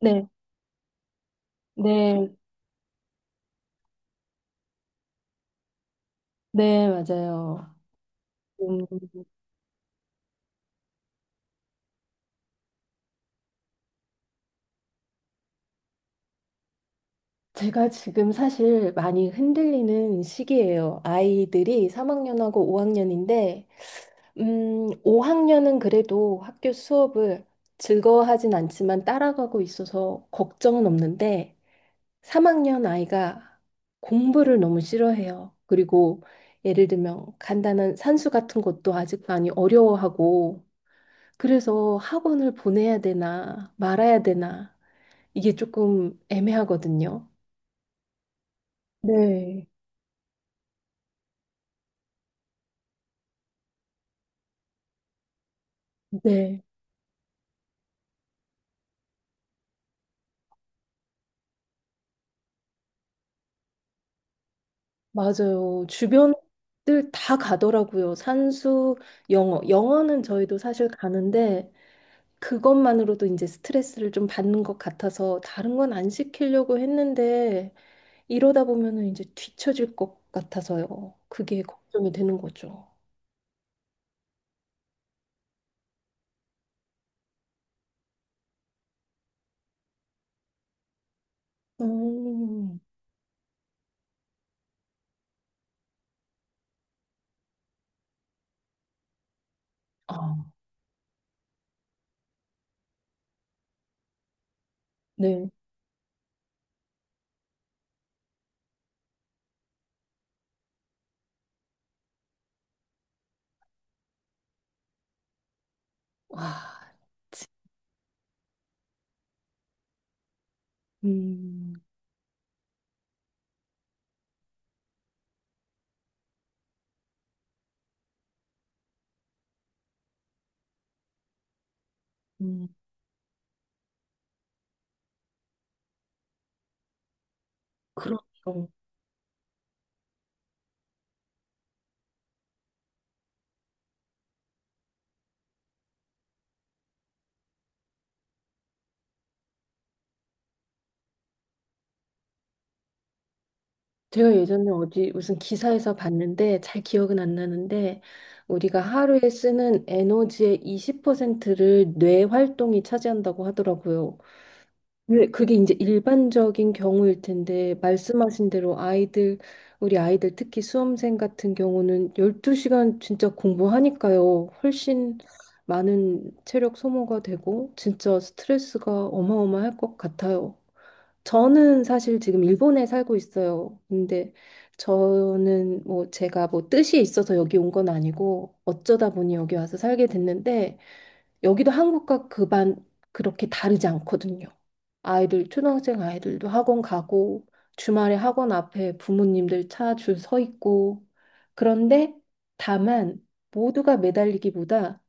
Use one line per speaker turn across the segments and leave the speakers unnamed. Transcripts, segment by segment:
네, 네, 네, 맞아요. 음, 제가 지금 사실 많이 흔들리는 시기예요. 아이들이 3학년하고 5학년인데, 5학년은 그래도 학교 수업을 즐거워하진 않지만 따라가고 있어서 걱정은 없는데, 3학년 아이가 공부를 너무 싫어해요. 그리고 예를 들면 간단한 산수 같은 것도 아직 많이 어려워하고, 그래서 학원을 보내야 되나 말아야 되나 이게 조금 애매하거든요. 네, 네, 맞아요. 주변들 다 가더라고요. 산수, 영어. 영어는 저희도 사실 가는데 그것만으로도 이제 스트레스를 좀 받는 것 같아서 다른 건 안 시키려고 했는데 이러다 보면은 이제 뒤처질 것 같아서요. 그게 걱정이 되는 거죠. 음, 아, 네. 와, 음, 음, 그렇죠. 제가 예전에 어디 무슨 기사에서 봤는데 잘 기억은 안 나는데 우리가 하루에 쓰는 에너지의 20%를 뇌 활동이 차지한다고 하더라고요. 근데 그게 이제 일반적인 경우일 텐데 말씀하신 대로 아이들 우리 아이들 특히 수험생 같은 경우는 12시간 진짜 공부하니까요. 훨씬 많은 체력 소모가 되고 진짜 스트레스가 어마어마할 것 같아요. 저는 사실 지금 일본에 살고 있어요. 근데 저는 뭐 제가 뭐 뜻이 있어서 여기 온 건 아니고 어쩌다 보니 여기 와서 살게 됐는데 여기도 한국과 그 반 그렇게 다르지 않거든요. 초등학생 아이들도 학원 가고 주말에 학원 앞에 부모님들 차 줄 서 있고 그런데 다만 모두가 매달리기보다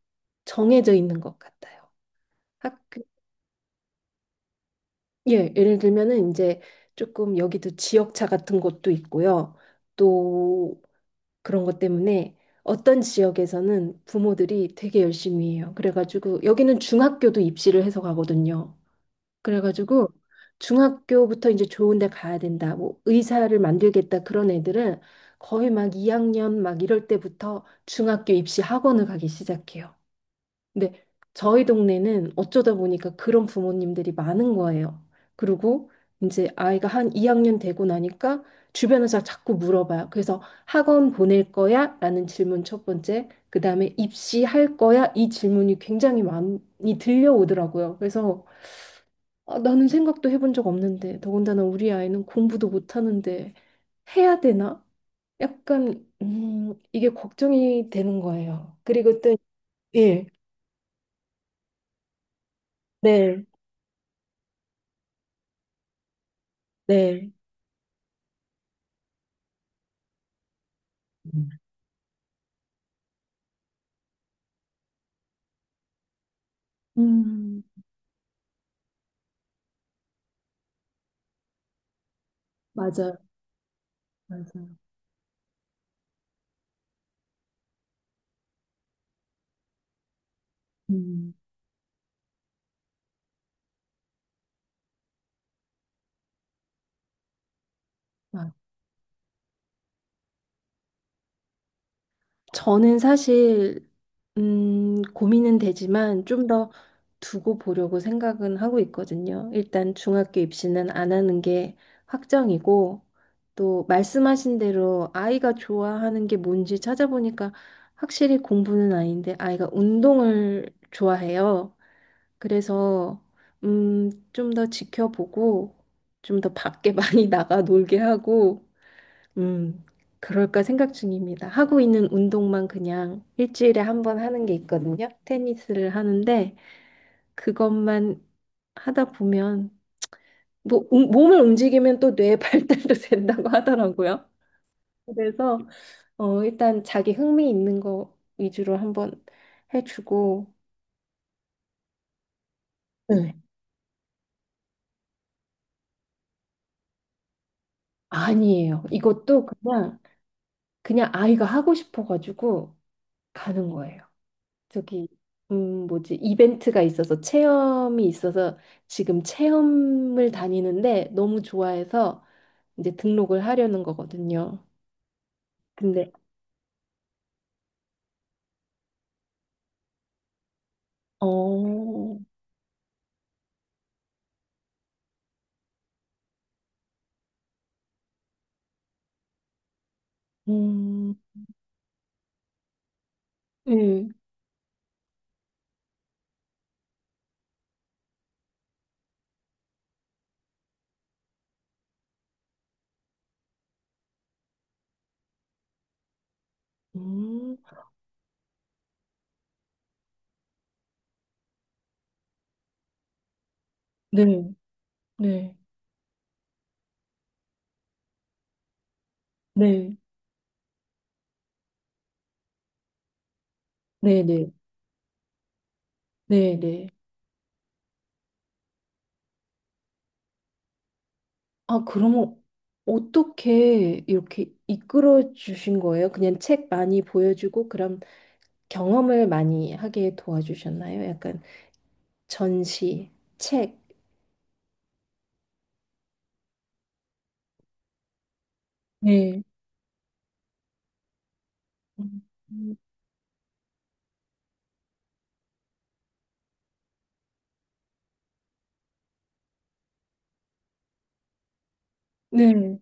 정해져 있는 것 같아요. 예, 예를 들면은 이제 조금 여기도 지역차 같은 곳도 있고요. 또 그런 것 때문에 어떤 지역에서는 부모들이 되게 열심히 해요. 그래가지고 여기는 중학교도 입시를 해서 가거든요. 그래가지고 중학교부터 이제 좋은 데 가야 된다. 뭐 의사를 만들겠다 그런 애들은 거의 막 2학년 막 이럴 때부터 중학교 입시 학원을 가기 시작해요. 근데 저희 동네는 어쩌다 보니까 그런 부모님들이 많은 거예요. 그리고 이제 아이가 한 2학년 되고 나니까 주변에서 자꾸 물어봐요. 그래서 학원 보낼 거야? 라는 질문 첫 번째, 그 다음에 입시할 거야? 이 질문이 굉장히 많이 들려오더라고요. 그래서 아, 나는 생각도 해본 적 없는데, 더군다나 우리 아이는 공부도 못하는데 해야 되나? 약간 이게 걱정이 되는 거예요. 그리고 또 예, 네, 네. 음, 음, 맞아요, 맞아요. 음, 맞 저는 사실, 고민은 되지만 좀 더 두고 보려고 생각은 하고 있거든요. 일단 중학교 입시는 안 하는 게 확정이고, 또 말씀하신 대로 아이가 좋아하는 게 뭔지 찾아보니까 확실히 공부는 아닌데 아이가 운동을 좋아해요. 그래서, 좀 더 지켜보고, 좀 더 밖에 많이 나가 놀게 하고, 음, 그럴까 생각 중입니다. 하고 있는 운동만 그냥 일주일에 한 번 하는 게 있거든요. 테니스를 하는데 그것만 하다 보면 뭐 몸을 움직이면 또 뇌 발달도 된다고 하더라고요. 그래서 일단 자기 흥미 있는 거 위주로 한번 해주고 네. 아니에요. 이것도 그냥 아이가 하고 싶어가지고 가는 거예요. 저기 뭐지 이벤트가 있어서 체험이 있어서 지금 체험을 다니는데 너무 좋아해서 이제 등록을 하려는 거거든요. 근데 어, 음, 네, 음, 네, 네, 네, 네, 네, 네, 네. 아, 그러면 어떻게 이렇게 이끌어 주신 거예요? 그냥 책 많이 보여주고 그럼 경험을 많이 하게 도와주셨나요? 약간 전시, 책. 음. 네.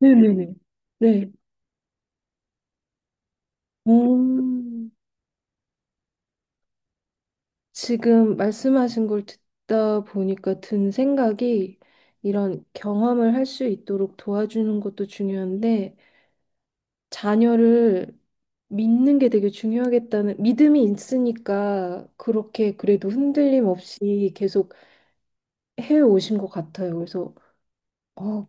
네네네. 네. 음, 지금 말씀하신 걸 듣다 보니까 든 생각이 이런 경험을 할 수 있도록 도와주는 것도 중요한데 자녀를 믿는 게 되게 중요하겠다는 믿음이 있으니까 그렇게 그래도 흔들림 없이 계속 해 오신 것 같아요. 그래서 어,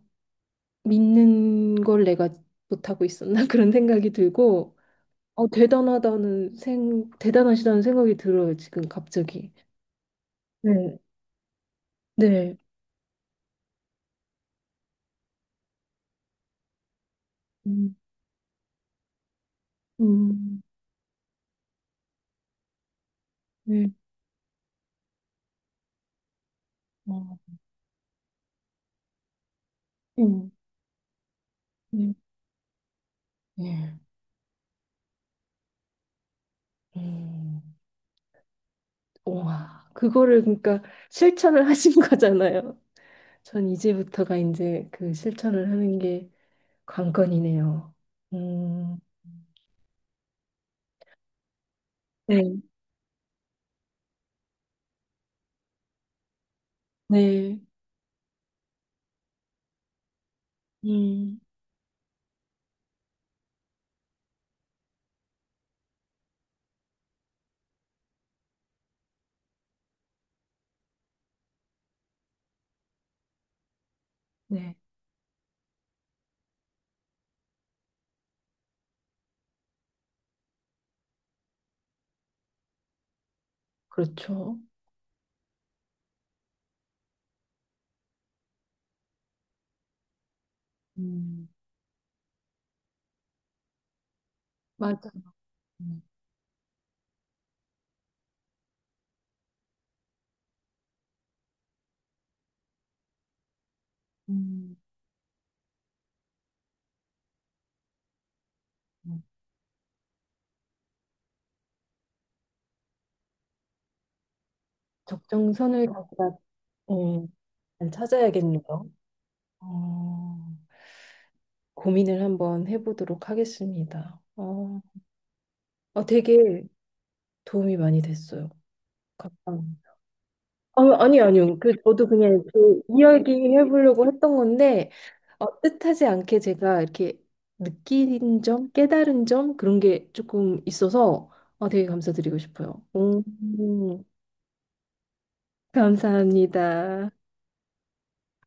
믿는 걸 내가 못하고 있었나 그런 생각이 들고 대단하시다는 생각이 들어요, 지금 갑자기. 네, 네. 음, 음, 네. 어, 음, 네. 예. 음, 와, 그거를 그러니까 실천을 하신 거잖아요. 전 이제부터가 이제 그 실천을 하는 게 관건이네요. 음, 네, 네, 음, 네. 그렇죠. 음, 맞아. 음, 음. 적정선을 갖다, 예. 잘 찾아야겠네요. 어, 고민을 한번 해보도록 하겠습니다. 아, 되게 도움이 많이 됐어요. 감사합니다. 아, 아니, 아니요. 그, 저도 그냥 그 이야기 해보려고 했던 건데, 뜻하지 않게 제가 이렇게 느낀 점, 깨달은 점, 그런 게 조금 있어서 되게 감사드리고 싶어요. 오, 감사합니다.